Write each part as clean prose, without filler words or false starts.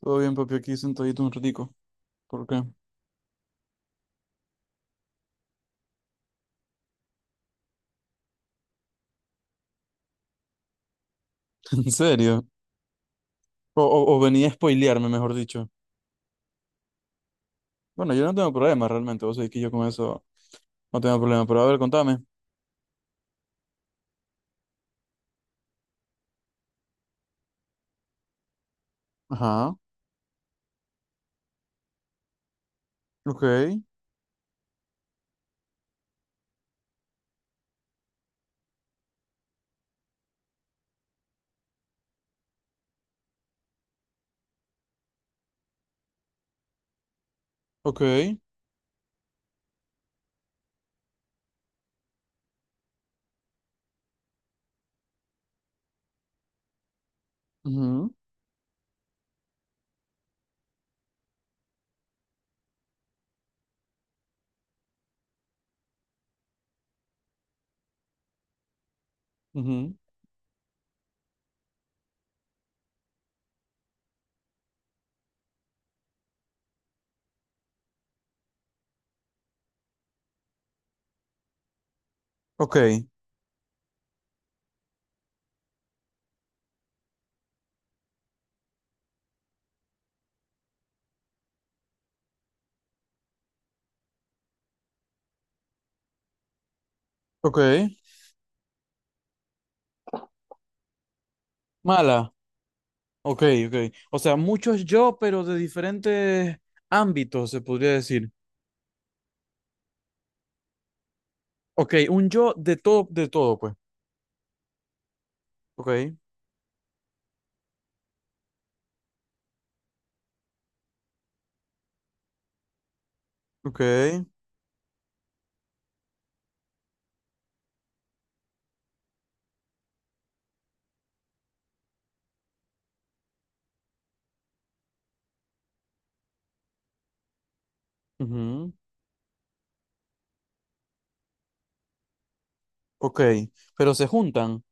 Todo bien, papi, aquí sentadito un ratico. ¿Por qué? ¿En serio? O venía a spoilearme, mejor dicho. Bueno, yo no tengo problema realmente, vos sabés que yo con eso no tengo problema, pero a ver, contame. Ajá, ok, ok, ujú, ujú, ok, ok, mala, ok, ok. O sea, muchos yo, pero de diferentes ámbitos, se podría decir. Ok, un yo de todo, pues. Ok, ok, ujú, ok, pero se juntan.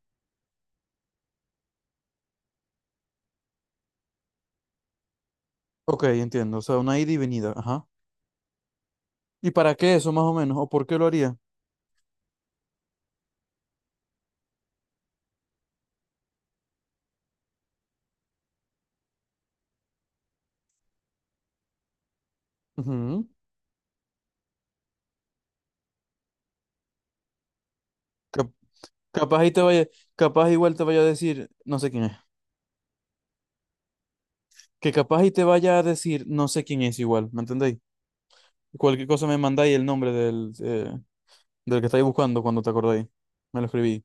Ok, entiendo, o sea, una ida y venida, ajá. ¿Y para qué eso más o menos? ¿O por qué lo haría? Ujú. Cap- Capaz y te vaya, capaz igual te vaya a decir, no sé quién es. Que capaz y te vaya a decir, no sé quién es igual, ¿me entendéis? Cualquier cosa me mandáis el nombre del, del que estáis buscando cuando te acordáis. Me lo escribí.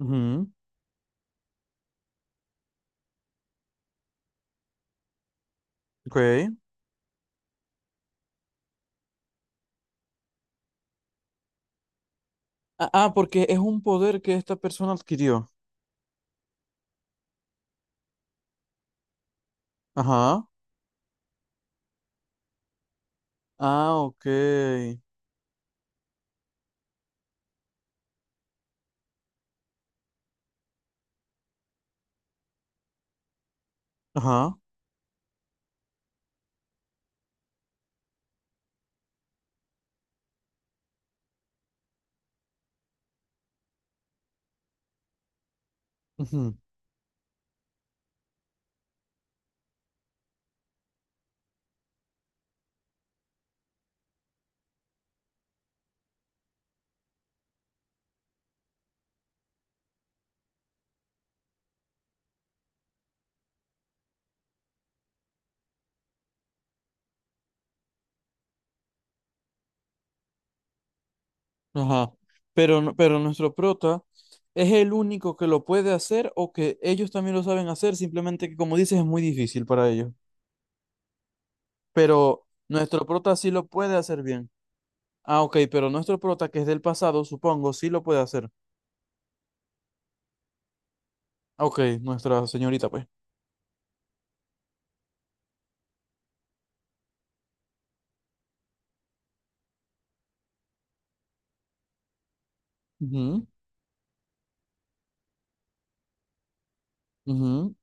Ujú. Ok. Ah, porque es un poder que esta persona adquirió. Ajá. Ah, ok. Ajá. Ujú. Ajá. Pero, pero nuestro prota es el único que lo puede hacer o que ellos también lo saben hacer, simplemente que como dices es muy difícil para ellos. Pero nuestro prota sí lo puede hacer bien. Ah, ok, pero nuestro prota que es del pasado, supongo, sí lo puede hacer. Ah, ok, nuestra señorita, pues. Ujú, ujú.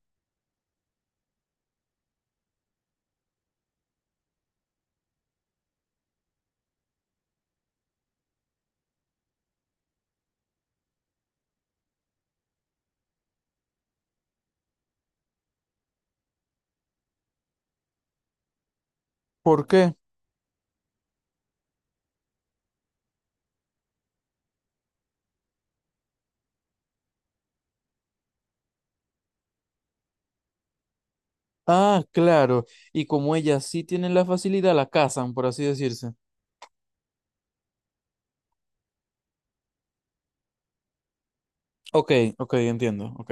¿Por qué? Ah, claro. Y como ella sí tiene la facilidad, la cazan, por así decirse. Ok, ok, entiendo, ok.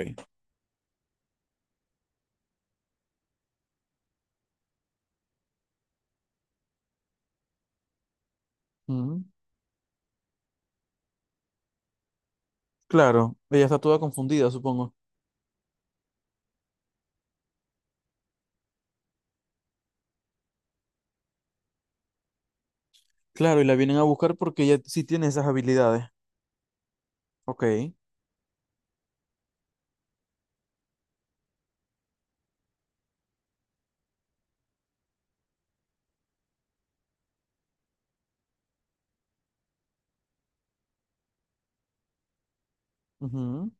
Ujú. Claro, ella está toda confundida, supongo. Claro, y la vienen a buscar porque ella sí tiene esas habilidades. Ok. Ujú,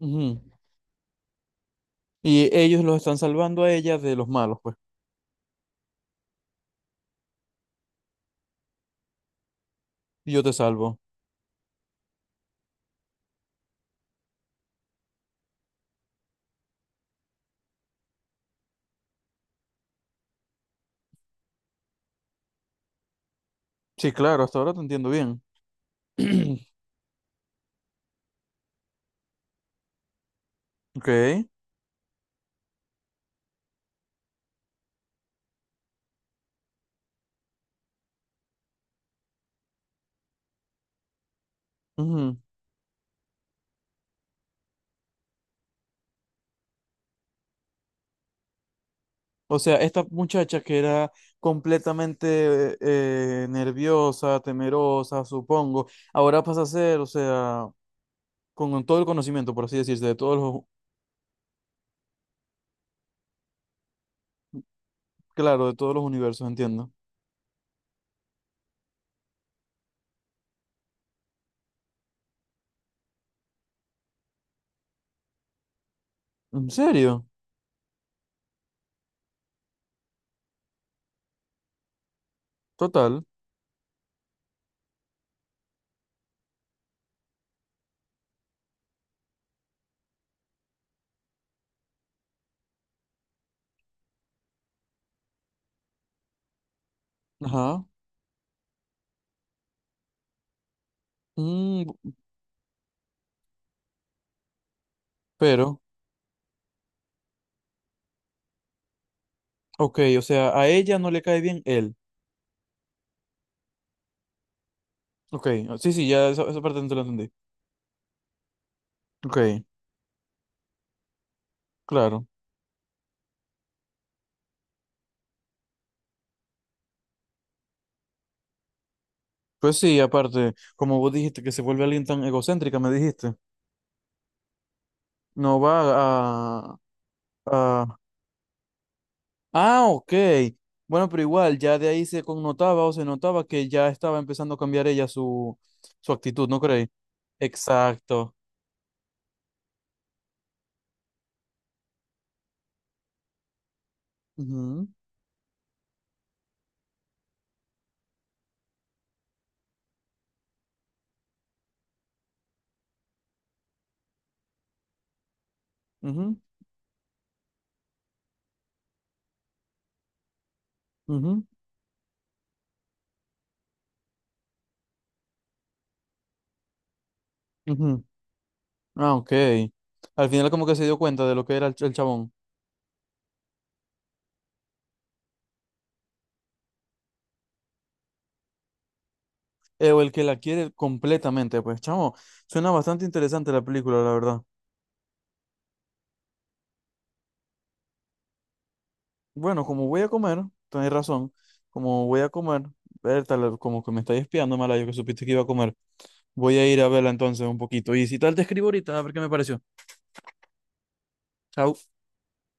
ujú. Y ellos los están salvando a ella de los malos, pues. Y yo te salvo. Sí, claro, hasta ahora te entiendo bien. Ok. Ujú. O sea, esta muchacha que era completamente nerviosa, temerosa, supongo, ahora pasa a ser, o sea, con todo el conocimiento, por así decirse, de todos los, claro, de todos los universos, entiendo. ¿En serio? Total. Ajá. Mm, pero... Ok, o sea, a ella no le cae bien él. Ok, ah, sí, sí, esa parte no te la entendí. Ok, claro. Pues sí, aparte, como vos dijiste que se vuelve alguien tan egocéntrica, me dijiste. No va a, a... Ah, ok. Bueno, pero igual, ya de ahí se connotaba o se notaba que ya estaba empezando a cambiar ella su, su actitud, ¿no crees? Exacto. Ujú, ujú, ujú, ujú. Ah, ok. Al final como que se dio cuenta de lo que era el, el chabón. Eh, o el que la quiere completamente, pues, chamo, suena bastante interesante la película, la verdad. Bueno, como voy a comer, tenés razón, como voy a comer, ver, tal, como que me estáis espiando, mala, yo que supiste que iba a comer, voy a ir a verla entonces un poquito. Y si tal, te escribo ahorita a ver qué me pareció. Chao.